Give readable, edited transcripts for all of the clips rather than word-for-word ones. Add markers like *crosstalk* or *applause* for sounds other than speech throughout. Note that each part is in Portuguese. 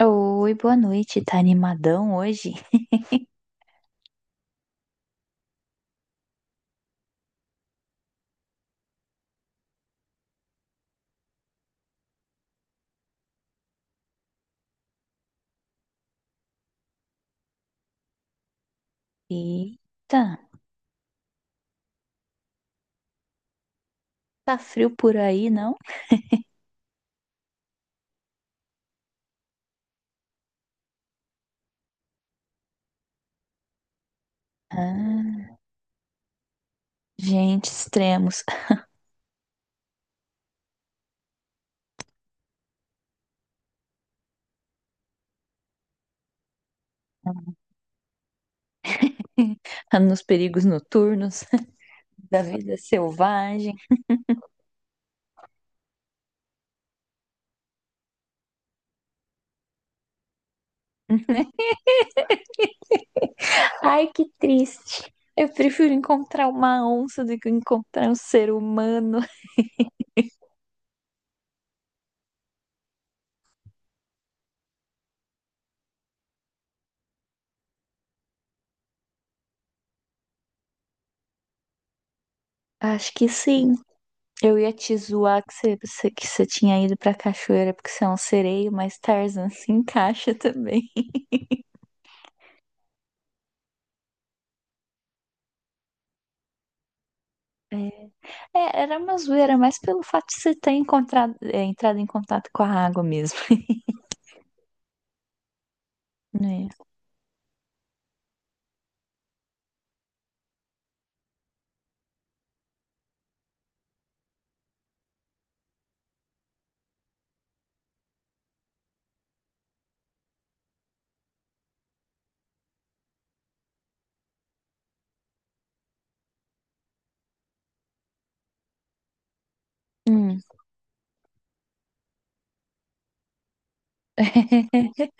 Oi, boa noite. Tá animadão hoje? *laughs* Eita, tá frio por aí, não? Ah, gente, extremos. *laughs* Nos perigos noturnos, *laughs* da vida selvagem. *laughs* Ai, que triste. Eu prefiro encontrar uma onça do que encontrar um ser humano. Acho que sim. Eu ia te zoar que que você tinha ido pra cachoeira porque você é um sereio, mas Tarzan se encaixa também. É. É, era uma zoeira, mas pelo fato de você ter encontrado, é, entrado em contato com a água mesmo, *laughs* né? Hum. *laughs*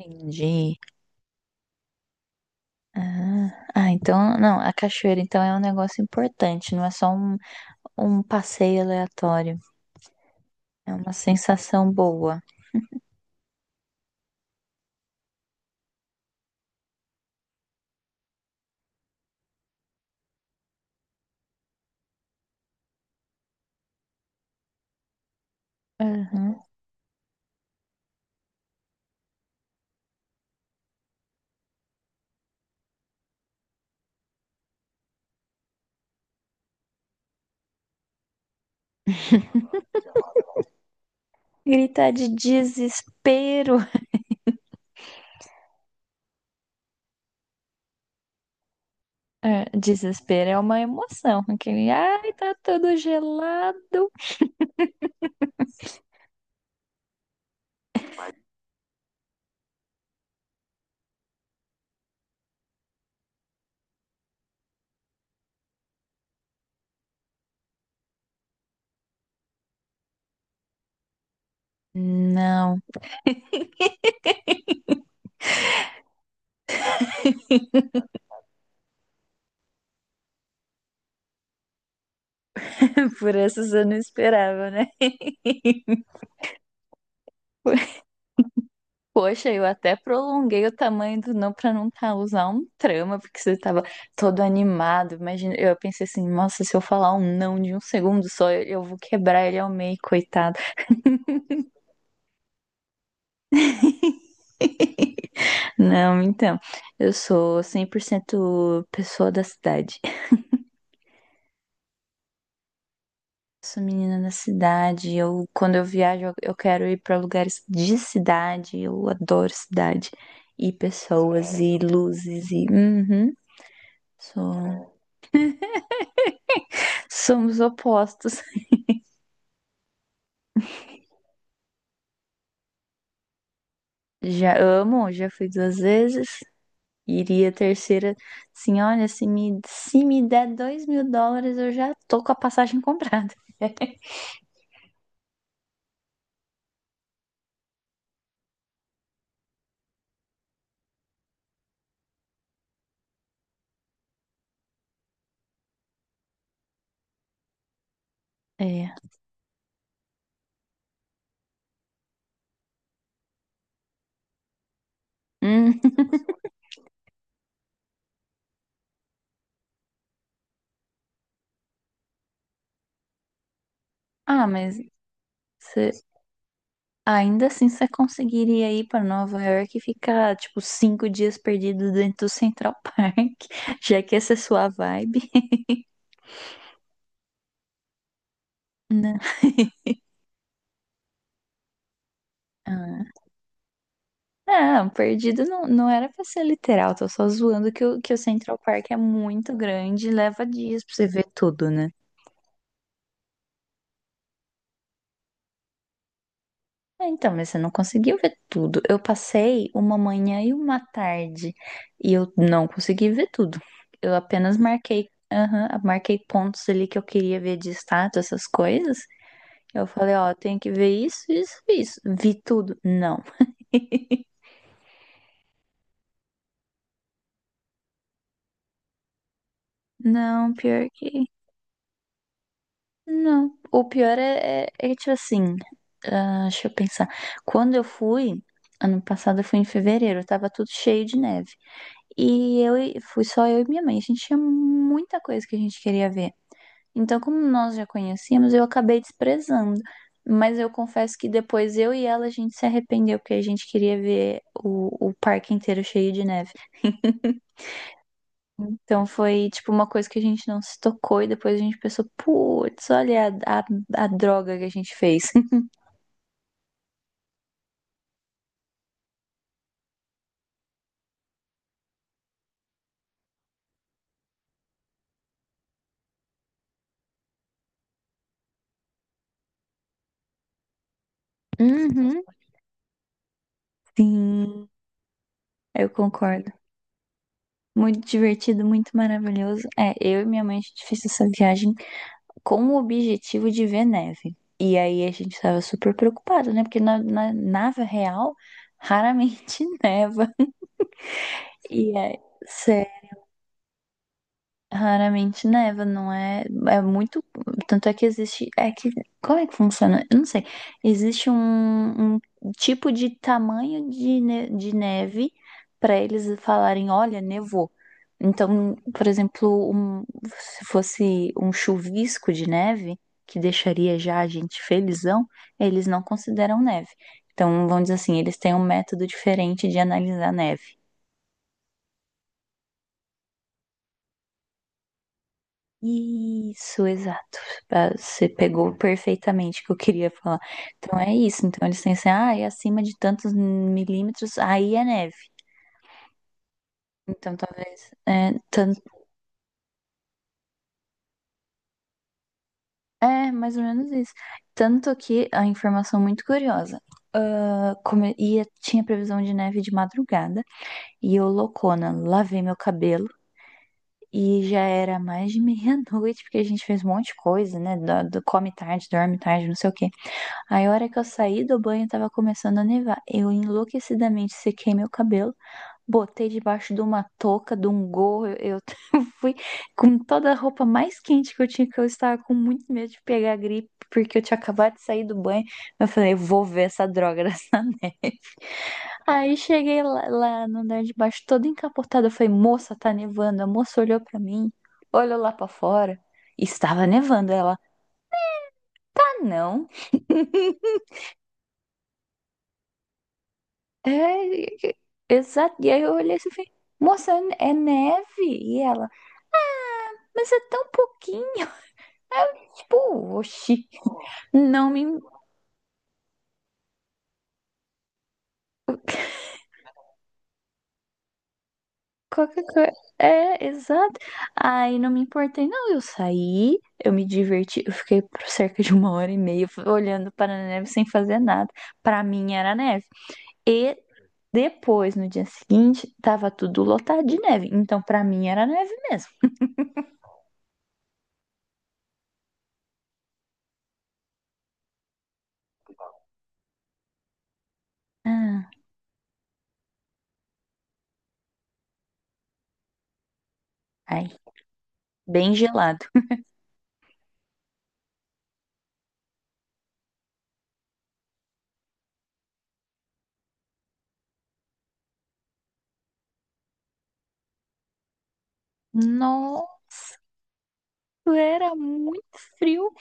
Entendi. Ah, então, não, a cachoeira então é um negócio importante, não é só um passeio aleatório. É uma sensação boa. Uhum. Gritar de desespero. É, desespero é uma emoção. Aquele, ai, tá tudo gelado. Não, *laughs* por essas eu não esperava, né? Poxa, eu até prolonguei o tamanho do não pra não causar um trama, porque você tava todo animado. Imagina, eu pensei assim, nossa, se eu falar um não de um segundo só, eu vou quebrar ele ao meio, coitado. *laughs* Não, então, eu sou 100% pessoa da cidade. Sou menina da cidade. Eu, quando eu viajo, eu quero ir pra lugares de cidade. Eu adoro cidade e pessoas e luzes e uhum, sou- somos opostos. Já amo, já fui duas vezes. Iria a terceira. Sim, olha, se me der US$ 2.000, eu já tô com a passagem comprada. É. Hum. Ah, mas você- ainda assim você conseguiria ir pra Nova York e ficar, tipo, 5 dias perdido dentro do Central Park, *laughs* já que essa é sua vibe. Não, ah. Não, perdido não, não era pra ser literal, tô só zoando que o, Central Park é muito grande e leva dias pra você ver tudo, né? Ah, então, mas você não conseguiu ver tudo. Eu passei uma manhã e uma tarde e eu não consegui ver tudo. Eu apenas marquei, aham, marquei pontos ali que eu queria ver de estátua, essas coisas. Eu falei, ó, tem que ver isso, isso, isso. Vi tudo. Não. Não, pior que. Não. O pior é tipo assim. Ah, deixa eu pensar. Quando eu fui, ano passado eu fui em fevereiro, tava tudo cheio de neve. E fui só eu e minha mãe. A gente tinha muita coisa que a gente queria ver. Então, como nós já conhecíamos, eu acabei desprezando. Mas eu confesso que depois eu e ela a gente se arrependeu, porque a gente queria ver o parque inteiro cheio de neve. *laughs* Então foi tipo uma coisa que a gente não se tocou e depois a gente pensou, putz, olha a droga que a gente fez. *laughs* Uhum. Sim, eu concordo. Muito divertido, muito maravilhoso. É, eu e minha mãe a gente fez essa viagem com o objetivo de ver neve. E aí a gente tava super preocupado, né? Porque na real raramente *laughs* neva. E aí, raramente neva, não é? É muito. Tanto é que existe. É que. Como é que funciona? Eu não sei. Existe um tipo de tamanho de neve para eles falarem: olha, nevou. Então, por exemplo, se fosse um chuvisco de neve, que deixaria já a gente felizão, eles não consideram neve. Então, vamos dizer assim, eles têm um método diferente de analisar neve. Isso, exato. Ah, você pegou perfeitamente o que eu queria falar. Então é isso. Então eles têm assim, ah, é acima de tantos milímetros, aí é neve. Então talvez é, tanto, é mais ou menos isso. Tanto que a informação muito curiosa. Ah, ia, tinha previsão de neve de madrugada e eu loucona, lavei meu cabelo. E já era mais de *laughs* meia-noite, porque a gente fez um monte de coisa, né? Come tarde, dorme tarde, não sei o quê. Aí, a hora que eu saí do banho, tava começando a nevar. Eu enlouquecidamente sequei meu cabelo, botei debaixo de uma touca, de um gorro. Eu *laughs* fui com toda a roupa mais quente que eu tinha, que eu estava com muito medo de pegar gripe, porque eu tinha acabado de sair do banho. Eu falei, eu vou ver essa droga dessa *laughs* neve. Aí cheguei lá, no andar de baixo, toda encapotada. Eu falei, moça, tá nevando. A moça olhou pra mim, olhou lá pra fora. Estava nevando. Ela, ah, não. *laughs* É, exato. E aí eu olhei assim e falei, moça, é neve? E ela, mas é tão pouquinho. *laughs* Eu, tipo, oxi, não me. Qualquer coisa. É, exato. Aí não me importei, não. Eu saí, eu me diverti, eu fiquei por cerca de uma hora e meia olhando para a neve sem fazer nada. Para mim era neve. E depois, no dia seguinte, tava tudo lotado de neve. Então, para mim era neve mesmo. Ah, ai, bem gelado. Nossa, era muito frio.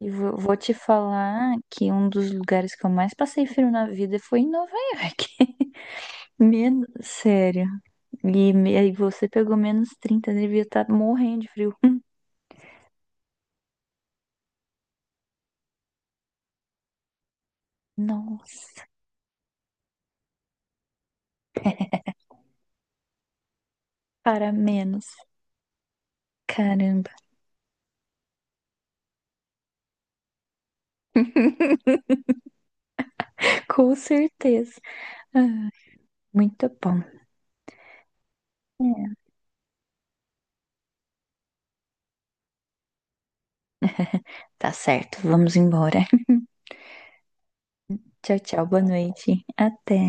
E vou te falar que um dos lugares que eu mais passei frio na vida foi em Nova York. *laughs* Menos, sério. E aí você pegou -30, devia estar morrendo de frio. Nossa, para menos. Caramba, *laughs* com certeza. Ah, muito bom. É, tá certo, vamos embora. *laughs* Tchau, tchau, boa noite. Até.